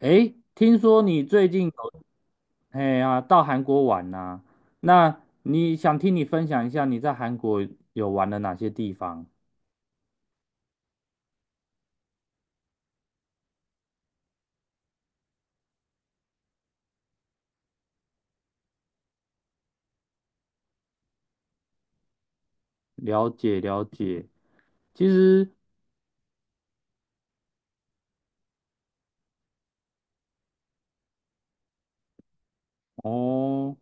诶，听说你最近有哎呀到韩国玩呐、那你想听你分享一下你在韩国有玩了哪些地方？了解了解。其实哦，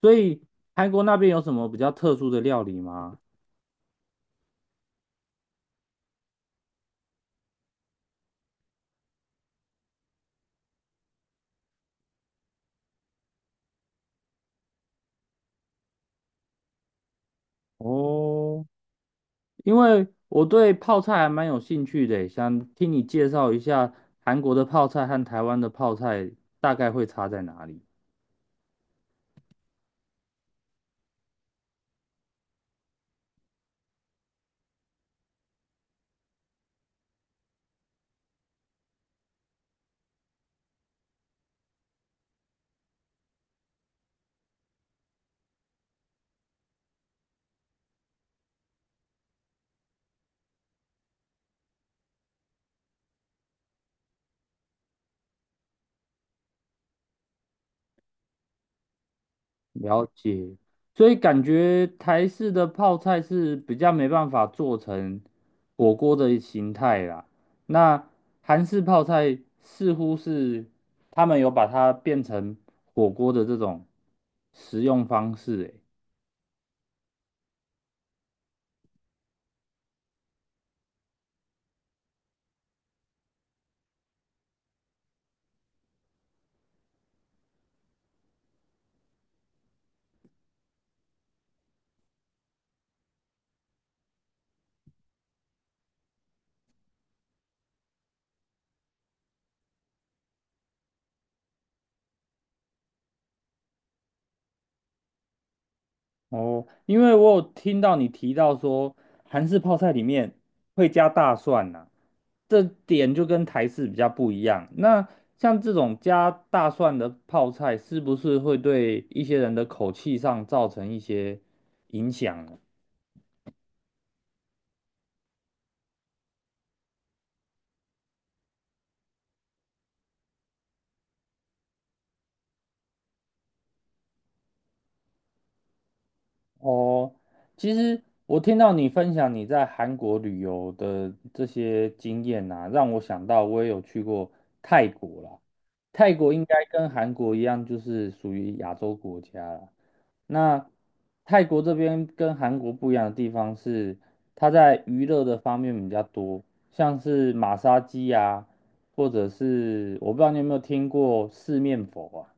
所以韩国那边有什么比较特殊的料理吗？哦，因为我对泡菜还蛮有兴趣的，想听你介绍一下韩国的泡菜和台湾的泡菜大概会差在哪里。了解，所以感觉台式的泡菜是比较没办法做成火锅的形态啦。那韩式泡菜似乎是他们有把它变成火锅的这种食用方式欸，哦，因为我有听到你提到说韩式泡菜里面会加大蒜呐、这点就跟台式比较不一样。那像这种加大蒜的泡菜，是不是会对一些人的口气上造成一些影响呢？哦，其实我听到你分享你在韩国旅游的这些经验呐、让我想到我也有去过泰国啦。泰国应该跟韩国一样，就是属于亚洲国家啦。那泰国这边跟韩国不一样的地方是，它在娱乐的方面比较多，像是马杀鸡啊，或者是我不知道你有没有听过四面佛啊？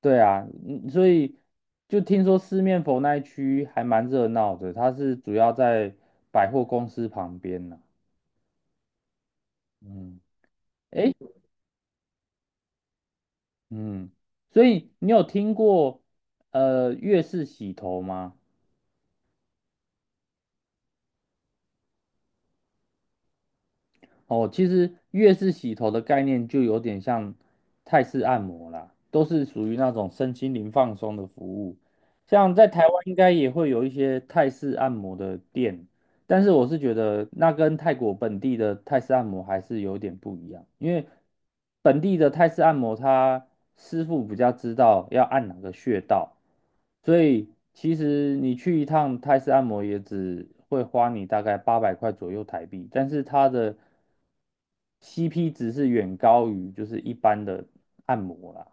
对啊，嗯，所以就听说四面佛那一区还蛮热闹的，它是主要在百货公司旁边呢、嗯，诶，嗯，所以你有听过粤式洗头吗？哦，其实越是洗头的概念就有点像泰式按摩啦，都是属于那种身心灵放松的服务。像在台湾应该也会有一些泰式按摩的店，但是我是觉得那跟泰国本地的泰式按摩还是有点不一样，因为本地的泰式按摩，他师傅比较知道要按哪个穴道，所以其实你去一趟泰式按摩也只会花你大概八百块左右台币，但是它的 CP 值是远高于就是一般的按摩啦。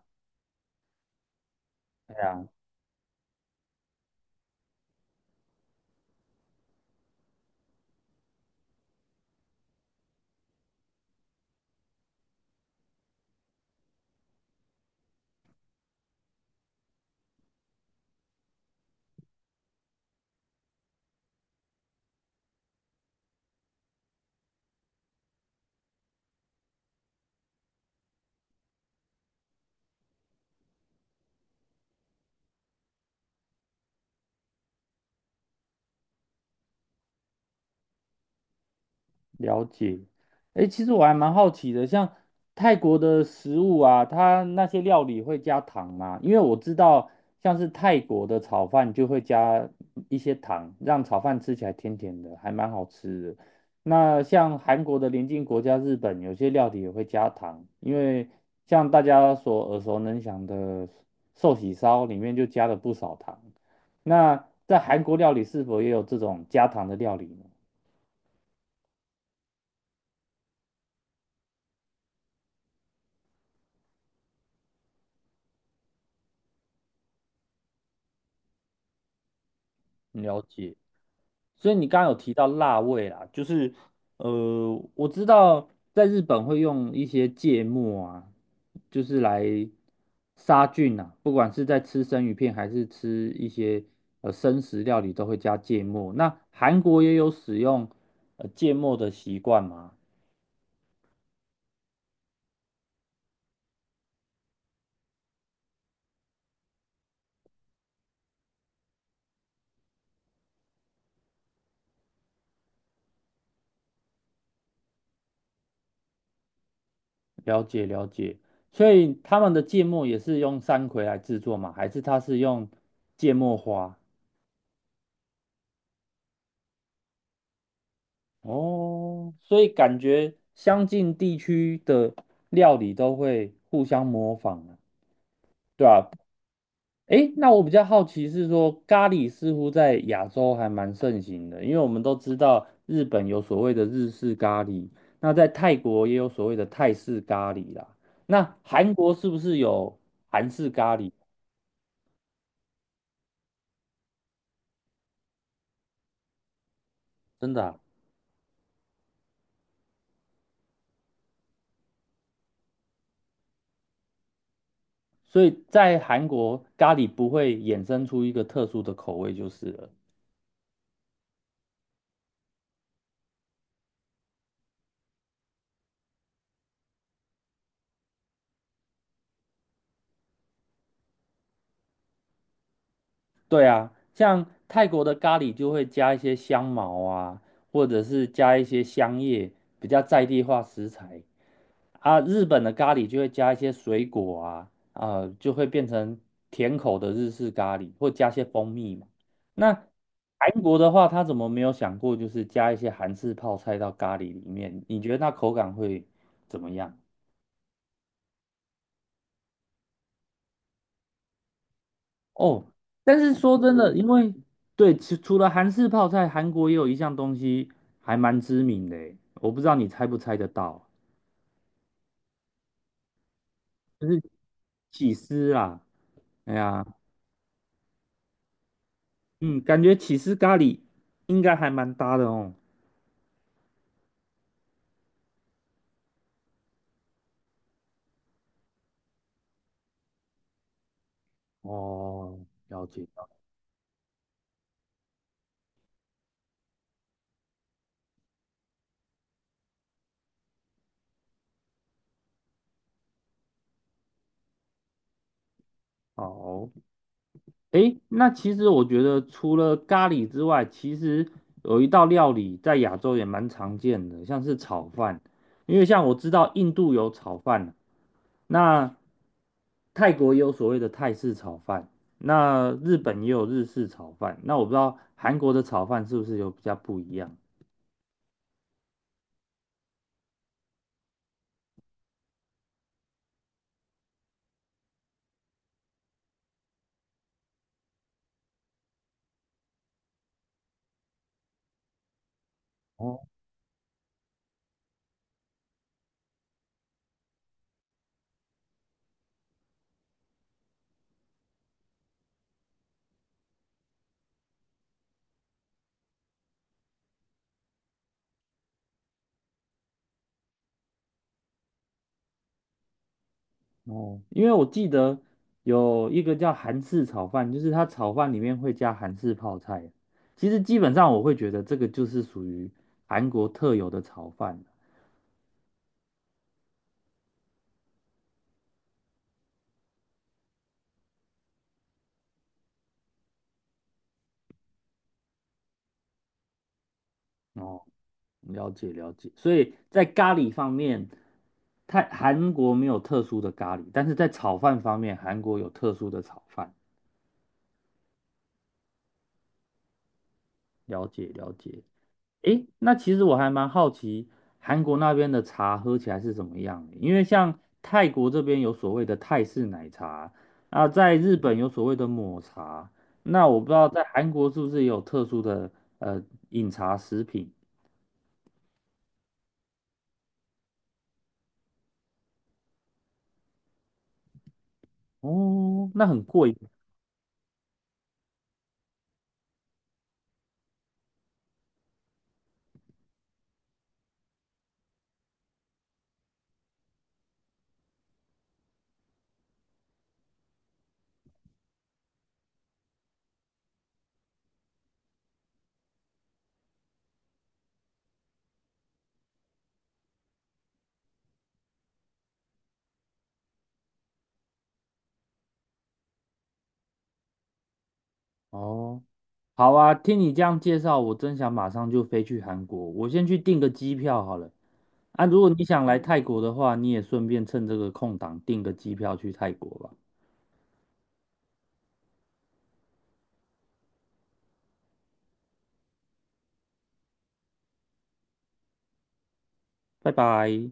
了解，哎，其实我还蛮好奇的，像泰国的食物啊，它那些料理会加糖吗？因为我知道，像是泰国的炒饭就会加一些糖，让炒饭吃起来甜甜的，还蛮好吃的。那像韩国的邻近国家日本，有些料理也会加糖，因为像大家所耳熟能详的寿喜烧里面就加了不少糖。那在韩国料理是否也有这种加糖的料理呢？了解。所以你刚刚有提到辣味啦，就是我知道在日本会用一些芥末啊，就是来杀菌啊，不管是在吃生鱼片还是吃一些生食料理，都会加芥末。那韩国也有使用芥末的习惯吗？了解了解，所以他们的芥末也是用山葵来制作吗？还是它是用芥末花？哦，所以感觉相近地区的料理都会互相模仿啊，对吧？诶，那我比较好奇是说，咖喱似乎在亚洲还蛮盛行的，因为我们都知道日本有所谓的日式咖喱，那在泰国也有所谓的泰式咖喱啦。那韩国是不是有韩式咖喱？真的啊，所以在韩国咖喱不会衍生出一个特殊的口味就是了。对啊，像泰国的咖喱就会加一些香茅啊，或者是加一些香叶，比较在地化食材啊。日本的咖喱就会加一些水果啊，啊、就会变成甜口的日式咖喱，或加些蜂蜜嘛。那韩国的话，他怎么没有想过就是加一些韩式泡菜到咖喱里面？你觉得那口感会怎么样？哦，但是说真的，因为对，除了韩式泡菜，韩国也有一项东西还蛮知名的诶我不知道你猜不猜得到，就是起司啦。哎呀，嗯，感觉起司咖喱应该还蛮搭的哦。哦，了解。好，诶，那其实我觉得除了咖喱之外，其实有一道料理在亚洲也蛮常见的，像是炒饭。因为像我知道印度有炒饭啊，那泰国也有所谓的泰式炒饭，那日本也有日式炒饭。那我不知道韩国的炒饭是不是有比较不一样？哦？哦，因为我记得有一个叫韩式炒饭，就是它炒饭里面会加韩式泡菜。其实基本上我会觉得这个就是属于韩国特有的炒饭。哦，了解了解。所以在咖喱方面，泰韩国没有特殊的咖喱，但是在炒饭方面，韩国有特殊的炒饭。了解了解。诶，那其实我还蛮好奇，韩国那边的茶喝起来是怎么样的？因为像泰国这边有所谓的泰式奶茶，啊，在日本有所谓的抹茶，那我不知道在韩国是不是也有特殊的呃饮茶食品？哦，那很贵哦。好啊，听你这样介绍，我真想马上就飞去韩国。我先去订个机票好了。啊，如果你想来泰国的话，你也顺便趁这个空档订个机票去泰国吧。拜拜。